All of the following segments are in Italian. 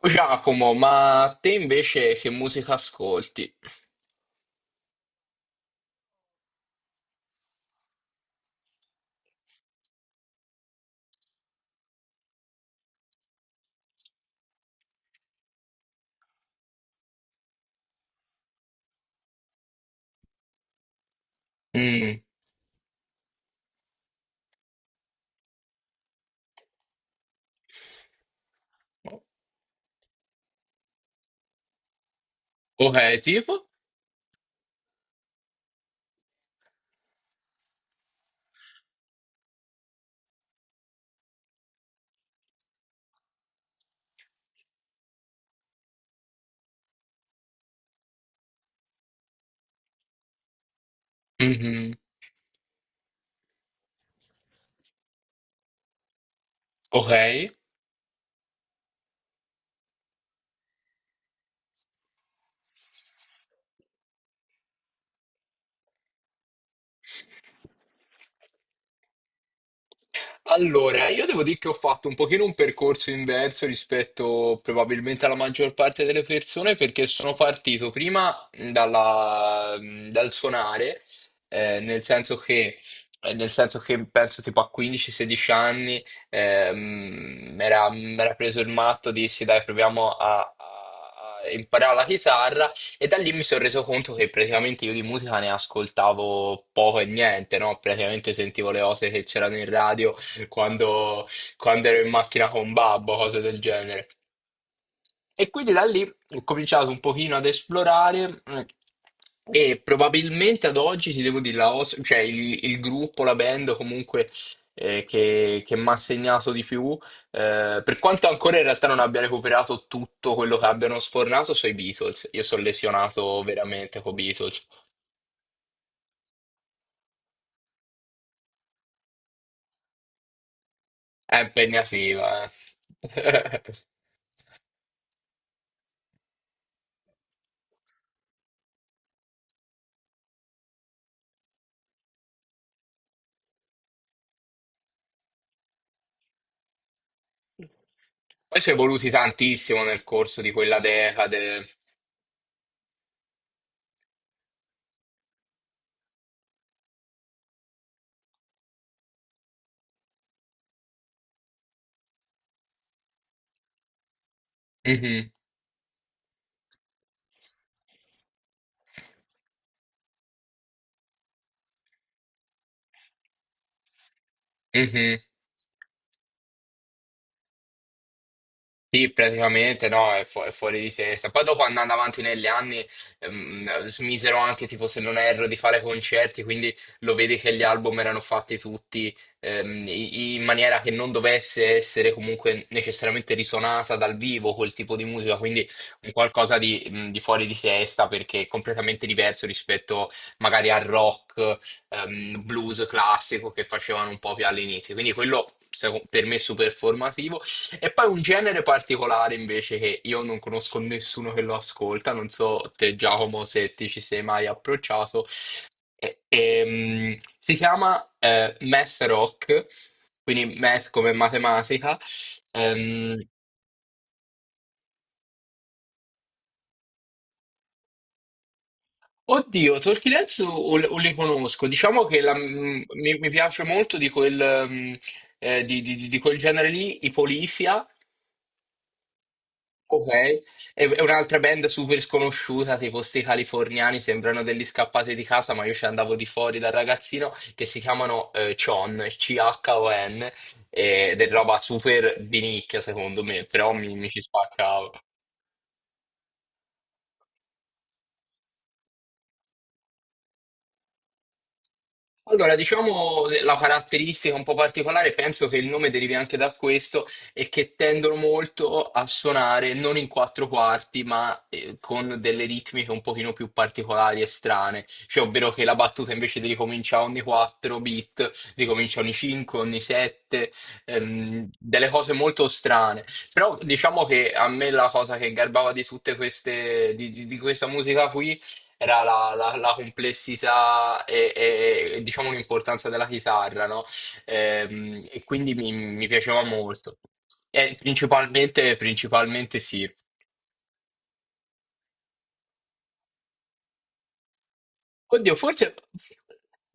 Giacomo, ma te invece che musica ascolti? Mm, ok, tipo? Mhm. Ok. Allora, io devo dire che ho fatto un pochino un percorso inverso rispetto probabilmente alla maggior parte delle persone perché sono partito prima dal suonare, eh, nel senso che, nel senso che penso tipo a 15-16 anni mi era preso il matto, dissi dai proviamo a imparare la chitarra e da lì mi sono reso conto che praticamente io di musica ne ascoltavo poco e niente, no? Praticamente sentivo le cose che c'erano in radio quando, quando ero in macchina con babbo, cose del genere. E quindi da lì ho cominciato un pochino ad esplorare e probabilmente ad oggi ti devo dire, cioè il gruppo, la band comunque che mi ha segnato di più, per quanto ancora in realtà non abbia recuperato tutto quello che abbiano sfornato, sono i Beatles. Io sono lesionato veramente con i Beatles. È impegnativa, eh. Poi si è evoluti tantissimo nel corso di quella decade. Mhm, mhm. Sì, praticamente no, è fuori di testa. Poi dopo andando avanti negli anni, smisero anche, tipo, se non erro, di fare concerti, quindi lo vedi che gli album erano fatti tutti in maniera che non dovesse essere comunque necessariamente risuonata dal vivo quel tipo di musica, quindi un qualcosa di fuori di testa perché è completamente diverso rispetto magari al rock, blues classico che facevano un po' più all'inizio. Quindi per me è super formativo. E poi un genere particolare invece che io non conosco nessuno che lo ascolta, non so te Giacomo se ti ci sei mai approcciato, si chiama math rock, quindi math come matematica. Ehm, oddio, Tolkien Heads o li conosco, diciamo che mi piace molto di di di quel genere lì, i Polifia. Ok, è un'altra band super sconosciuta, tipo sti californiani, sembrano degli scappati di casa, ma io ci andavo di fuori da ragazzino, che si chiamano Chon, C-H-O-N, ed è roba super di nicchia secondo me, però mi ci spaccavo. Allora, diciamo la caratteristica un po' particolare, penso che il nome derivi anche da questo, è che tendono molto a suonare non in quattro quarti, ma con delle ritmiche un pochino più particolari e strane. Cioè, ovvero che la battuta invece di ricominciare ogni 4 beat, ricomincia ogni 5, ogni 7, delle cose molto strane. Però diciamo che a me la cosa che garbava di tutte queste, di questa musica qui era la complessità e, diciamo l'importanza della chitarra, no? E, quindi mi piaceva molto. E principalmente, principalmente sì. Oddio, forse...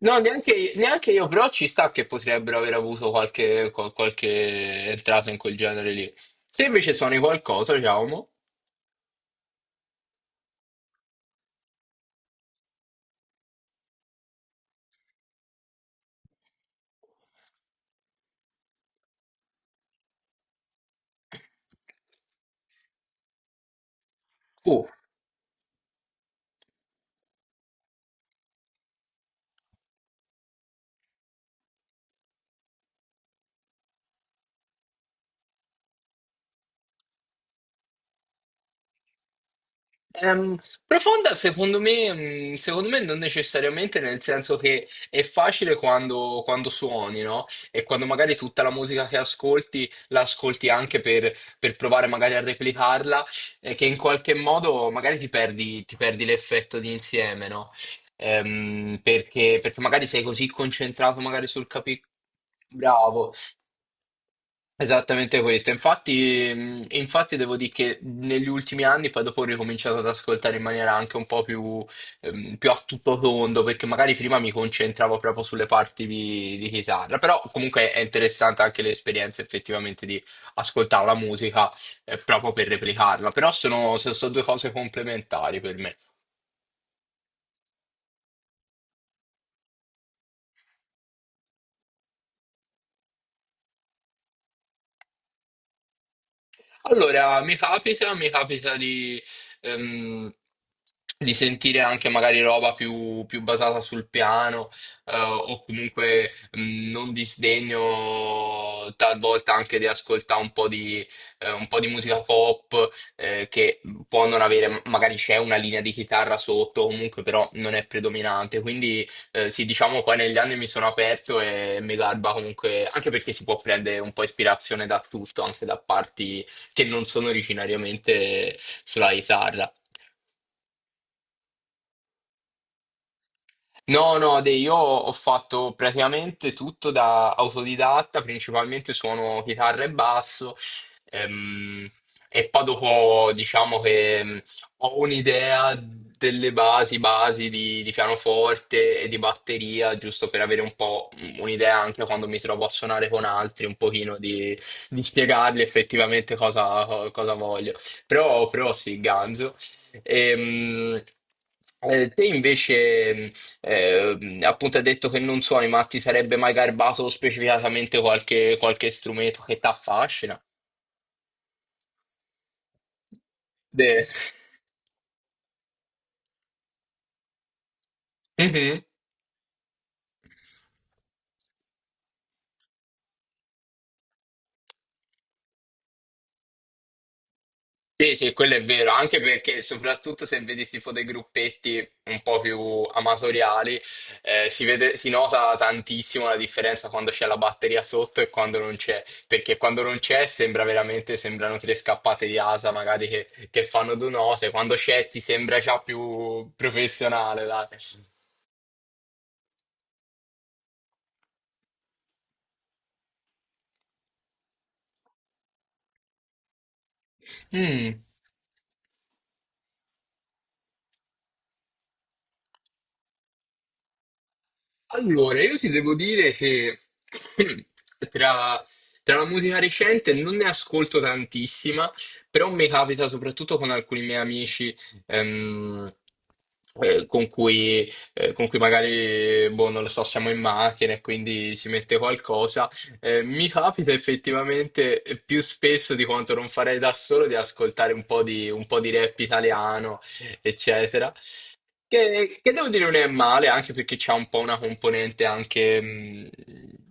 No, neanche, neanche io, però ci sta che potrebbero aver avuto qualche, qualche entrata in quel genere lì. Se invece suoni qualcosa, Giacomo... Oh. Ehm, Profonda secondo me non necessariamente, nel senso che è facile quando suoni, no? E quando magari tutta la musica che ascolti la ascolti anche per provare magari a replicarla, e che in qualche modo magari ti perdi l'effetto di insieme, no? Perché magari sei così concentrato magari sul capire. Esattamente questo, infatti, infatti devo dire che negli ultimi anni poi dopo ho ricominciato ad ascoltare in maniera anche un po' più, più a tutto tondo, perché magari prima mi concentravo proprio sulle parti di chitarra, però comunque è interessante anche l'esperienza effettivamente di ascoltare la musica proprio per replicarla, però sono, sono due cose complementari per me. Allora, mi capita ehm, di sentire anche magari roba più, più basata sul piano, o comunque non disdegno talvolta anche di ascoltare un po' di musica pop, che può non avere, magari c'è una linea di chitarra sotto, comunque però non è predominante. Quindi sì, diciamo poi negli anni mi sono aperto e mi garba comunque, anche perché si può prendere un po' ispirazione da tutto, anche da parti che non sono originariamente sulla chitarra. No, no, io ho fatto praticamente tutto da autodidatta, principalmente suono chitarra e basso, ehm, e poi dopo diciamo che ho un'idea delle basi, basi di pianoforte e di batteria, giusto per avere un po' un'idea anche quando mi trovo a suonare con altri, un pochino di spiegargli effettivamente cosa voglio. Però, però sì, ganzo. Ehm, te invece eh, appunto ha detto che non suoni, ma ti sarebbe mai garbato specificatamente qualche, qualche strumento che ti affascina? De- mhm. Sì, sì, quello è vero, anche perché soprattutto se vedi tipo dei gruppetti un po' più amatoriali, si nota tantissimo la differenza quando c'è la batteria sotto e quando non c'è, perché quando non c'è sembra veramente, sembrano tre scappate di asa magari che fanno due note, quando c'è ti sembra già più professionale, dai. Mm. Allora, io ti devo dire che tra, tra la musica recente non ne ascolto tantissima, però mi capita soprattutto con alcuni miei amici ehm, con cui magari, boh, non lo so, siamo in macchina e quindi si mette qualcosa. Mi capita effettivamente più spesso di quanto non farei da solo di ascoltare un po' di rap italiano, eccetera. Che devo dire non è male, anche perché c'è un po' una componente anche,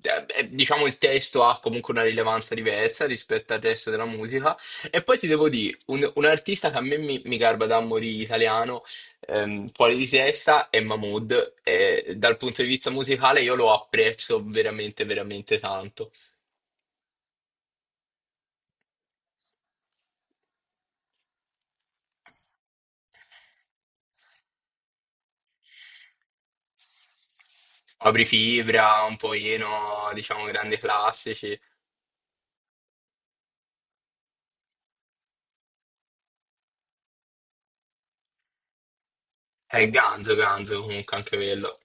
diciamo, il testo ha comunque una rilevanza diversa rispetto al resto della musica. E poi ti devo dire, un artista che a mi garba da morire italiano, fuori di testa, è Mahmood. E dal punto di vista musicale io lo apprezzo veramente, veramente tanto. Apri Fibra, un po' Eno, diciamo, grandi classici. È Ganzo, Ganzo comunque anche quello.